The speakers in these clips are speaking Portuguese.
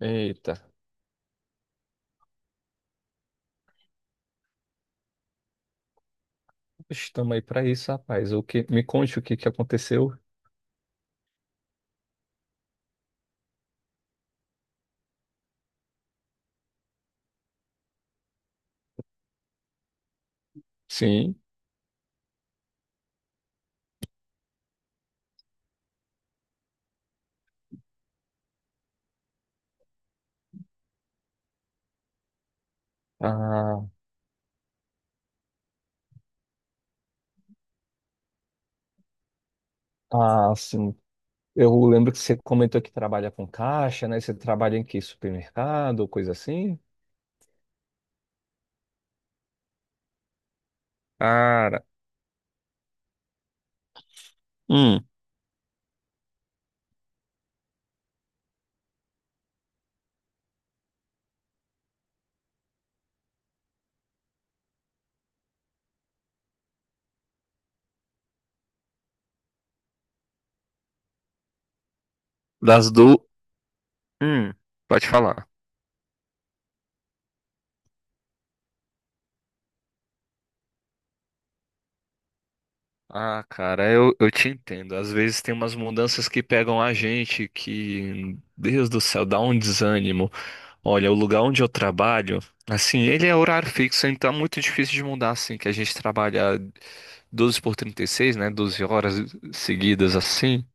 Eita, estamos aí para isso, rapaz. O que, me conte o que que aconteceu? Sim. Ah, ah, sim. Eu lembro que você comentou que trabalha com caixa, né? Você trabalha em que supermercado, coisa assim? Cara, hum, das do. Hum, Pode falar. Ah, cara, eu te entendo. Às vezes tem umas mudanças que pegam a gente que, Deus do céu, dá um desânimo. Olha, o lugar onde eu trabalho, assim, ele é horário fixo, então é muito difícil de mudar, assim, que a gente trabalha 12 por 36, né? 12 horas seguidas, assim.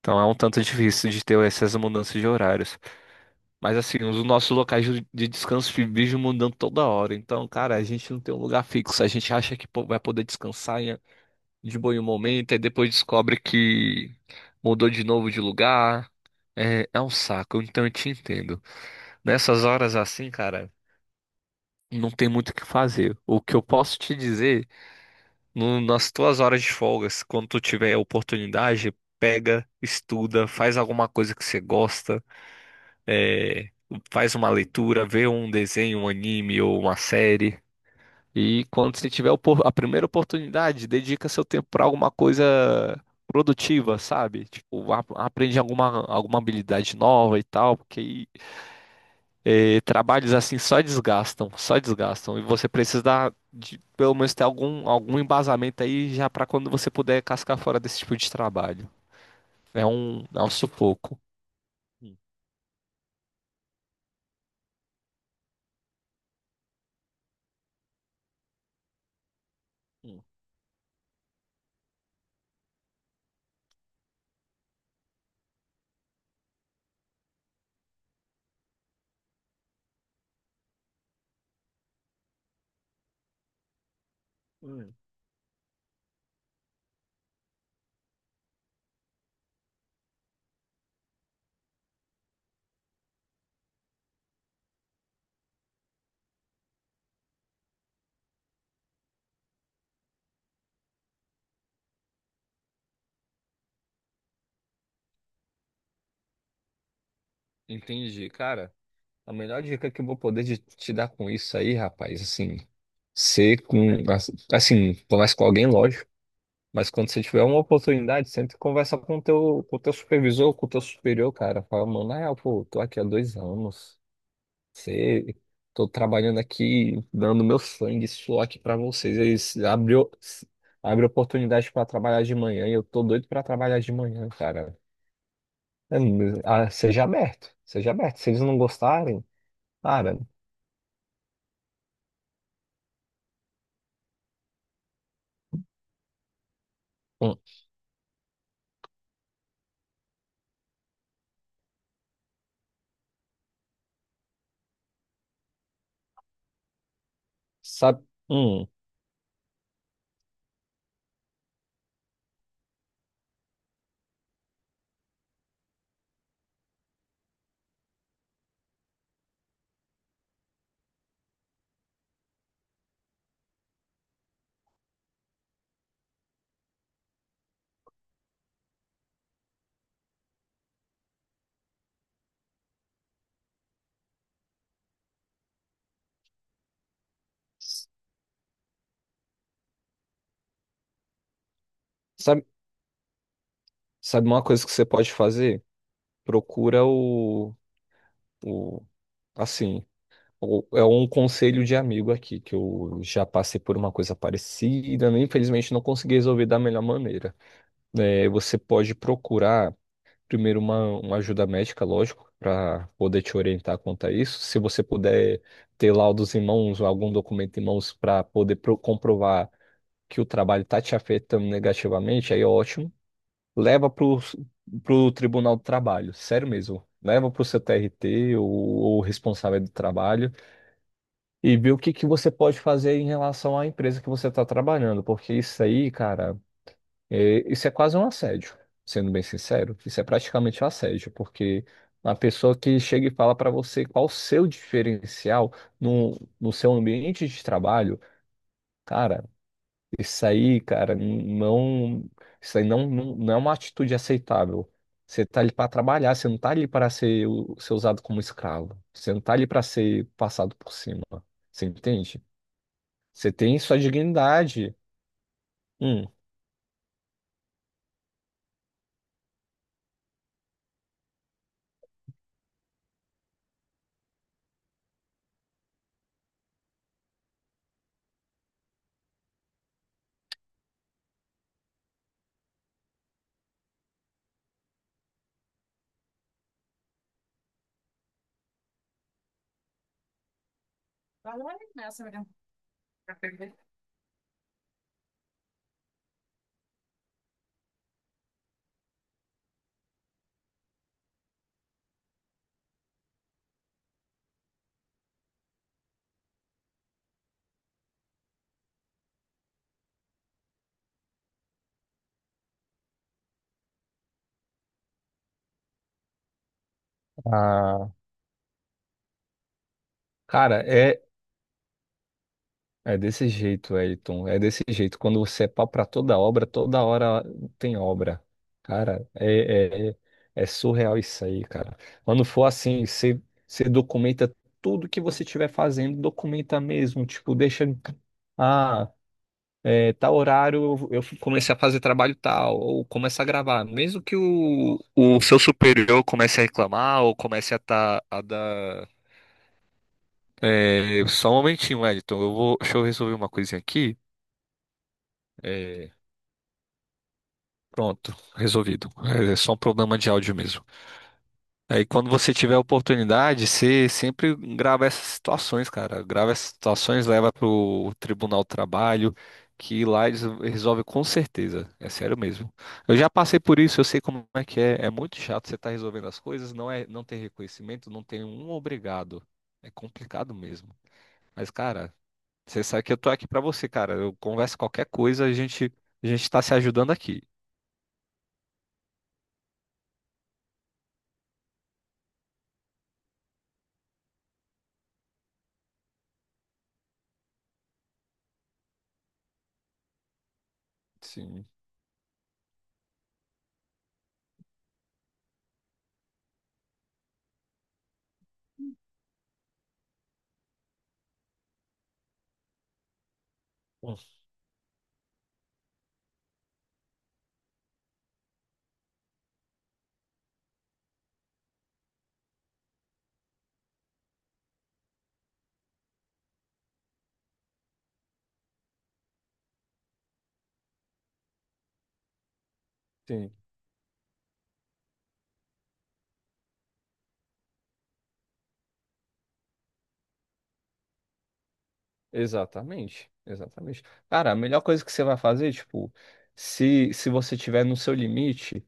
Então é um tanto difícil de ter essas mudanças de horários. Mas, assim, os nossos locais de descanso vivem mudando toda hora. Então, cara, a gente não tem um lugar fixo. A gente acha que pô, vai poder descansar de bom em um momento, e depois descobre que mudou de novo de lugar. É, é um saco, então eu te entendo. Nessas horas assim, cara, não tem muito o que fazer. O que eu posso te dizer, nas tuas horas de folgas, quando tu tiver a oportunidade, pega, estuda, faz alguma coisa que você gosta, é, faz uma leitura, vê um desenho, um anime ou uma série. E quando você tiver a primeira oportunidade, dedica seu tempo para alguma coisa produtiva, sabe? Tipo, aprende alguma habilidade nova e tal, porque aí e trabalhos assim só desgastam, só desgastam. E você precisa dar de, pelo menos ter algum embasamento aí já para quando você puder cascar fora desse tipo de trabalho. É um sufoco. Hum, hum, hum. Entendi, cara. A melhor dica que eu vou poder te dar com isso aí, rapaz, assim, ser com, assim, conversa com alguém, lógico, mas quando você tiver uma oportunidade, sempre conversa com o teu supervisor, com o teu superior, cara. Fala, mano, na real, pô, tô aqui há 2 anos. Você, tô trabalhando aqui, dando meu sangue, e suor aqui pra vocês. Eles abre oportunidade pra trabalhar de manhã e eu tô doido pra trabalhar de manhã, cara. É, mas, seja aberto, seja aberto. Se eles não gostarem, cara, hum, sabe, hum, sabe, sabe uma coisa que você pode fazer? Procura o assim, é um conselho de amigo aqui, que eu já passei por uma coisa parecida, né? Infelizmente não consegui resolver da melhor maneira. É, você pode procurar primeiro uma ajuda médica, lógico, para poder te orientar quanto a isso. Se você puder ter laudos em mãos ou algum documento em mãos para poder comprovar que o trabalho está te afetando negativamente, aí é ótimo. Leva para o Tribunal do Trabalho, sério mesmo. Leva para o seu TRT ou responsável do trabalho e vê o que, que você pode fazer em relação à empresa que você está trabalhando, porque isso aí, cara. É, isso é quase um assédio, sendo bem sincero. Isso é praticamente um assédio, porque uma pessoa que chega e fala para você qual o seu diferencial no, no seu ambiente de trabalho, cara, isso aí, cara, não, isso aí não, não, não é uma atitude aceitável. Você tá ali para trabalhar, você não tá ali para ser usado como escravo. Você não tá ali para ser passado por cima. Você entende? Você tem sua dignidade. Hum, ah, Cara, é desse jeito, Elton. É desse jeito. Quando você é pau pra toda obra, toda hora tem obra. Cara, é surreal isso aí, cara. Quando for assim, você documenta tudo que você estiver fazendo, documenta mesmo. Tipo, deixa. Ah, tal horário eu comecei a fazer trabalho tal, ou começa a gravar. Mesmo que o seu superior comece a reclamar, ou comece a, tá, a dar. É, só um momentinho, Elton. Deixa eu resolver uma coisinha aqui. É, pronto, resolvido. É só um problema de áudio mesmo. Aí quando você tiver a oportunidade, você sempre grava essas situações, cara. Grava essas situações, leva pro Tribunal do Trabalho, que lá eles resolvem com certeza. É sério mesmo. Eu já passei por isso, eu sei como é que é. É muito chato você estar resolvendo as coisas, não é, não tem reconhecimento, não tem um obrigado. É complicado mesmo. Mas, cara, você sabe que eu tô aqui pra você, cara. Eu converso qualquer coisa, a gente tá se ajudando aqui. Sim. Sim, exatamente, exatamente. Cara, a melhor coisa que você vai fazer, tipo, se você tiver no seu limite,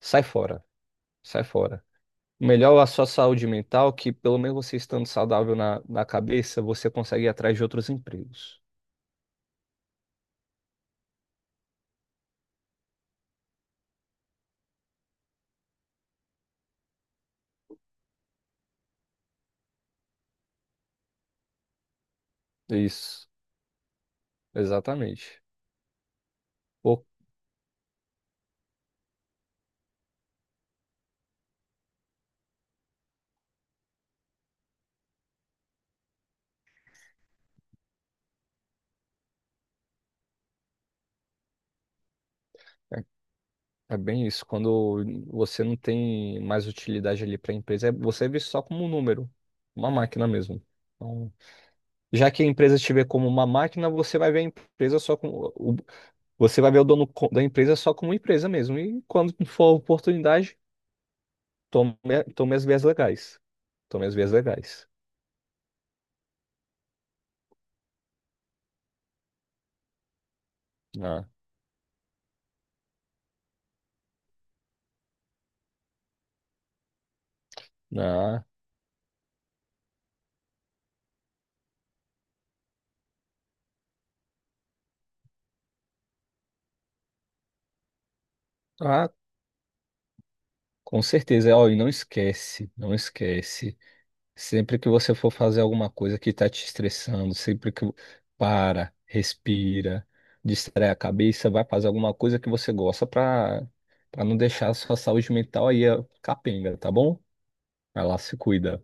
sai fora, sai fora. Melhor a sua saúde mental, que pelo menos você estando saudável na cabeça, você consegue ir atrás de outros empregos. Isso, exatamente. Pô, é, é bem isso. Quando você não tem mais utilidade ali para a empresa, você é visto só como um número, uma máquina mesmo. Então, já que a empresa te vê como uma máquina, você vai ver a empresa só com. Você vai ver o dono da empresa só como empresa mesmo. E quando for a oportunidade, tome, tome as vias legais. Tome as vias legais. Ah, ah, ah, com certeza. Ó, e não esquece, não esquece. Sempre que você for fazer alguma coisa que está te estressando, sempre que para, respira, distrai a cabeça, vai fazer alguma coisa que você gosta para não deixar a sua saúde mental aí ó, capenga, tá bom? Vai lá, se cuida.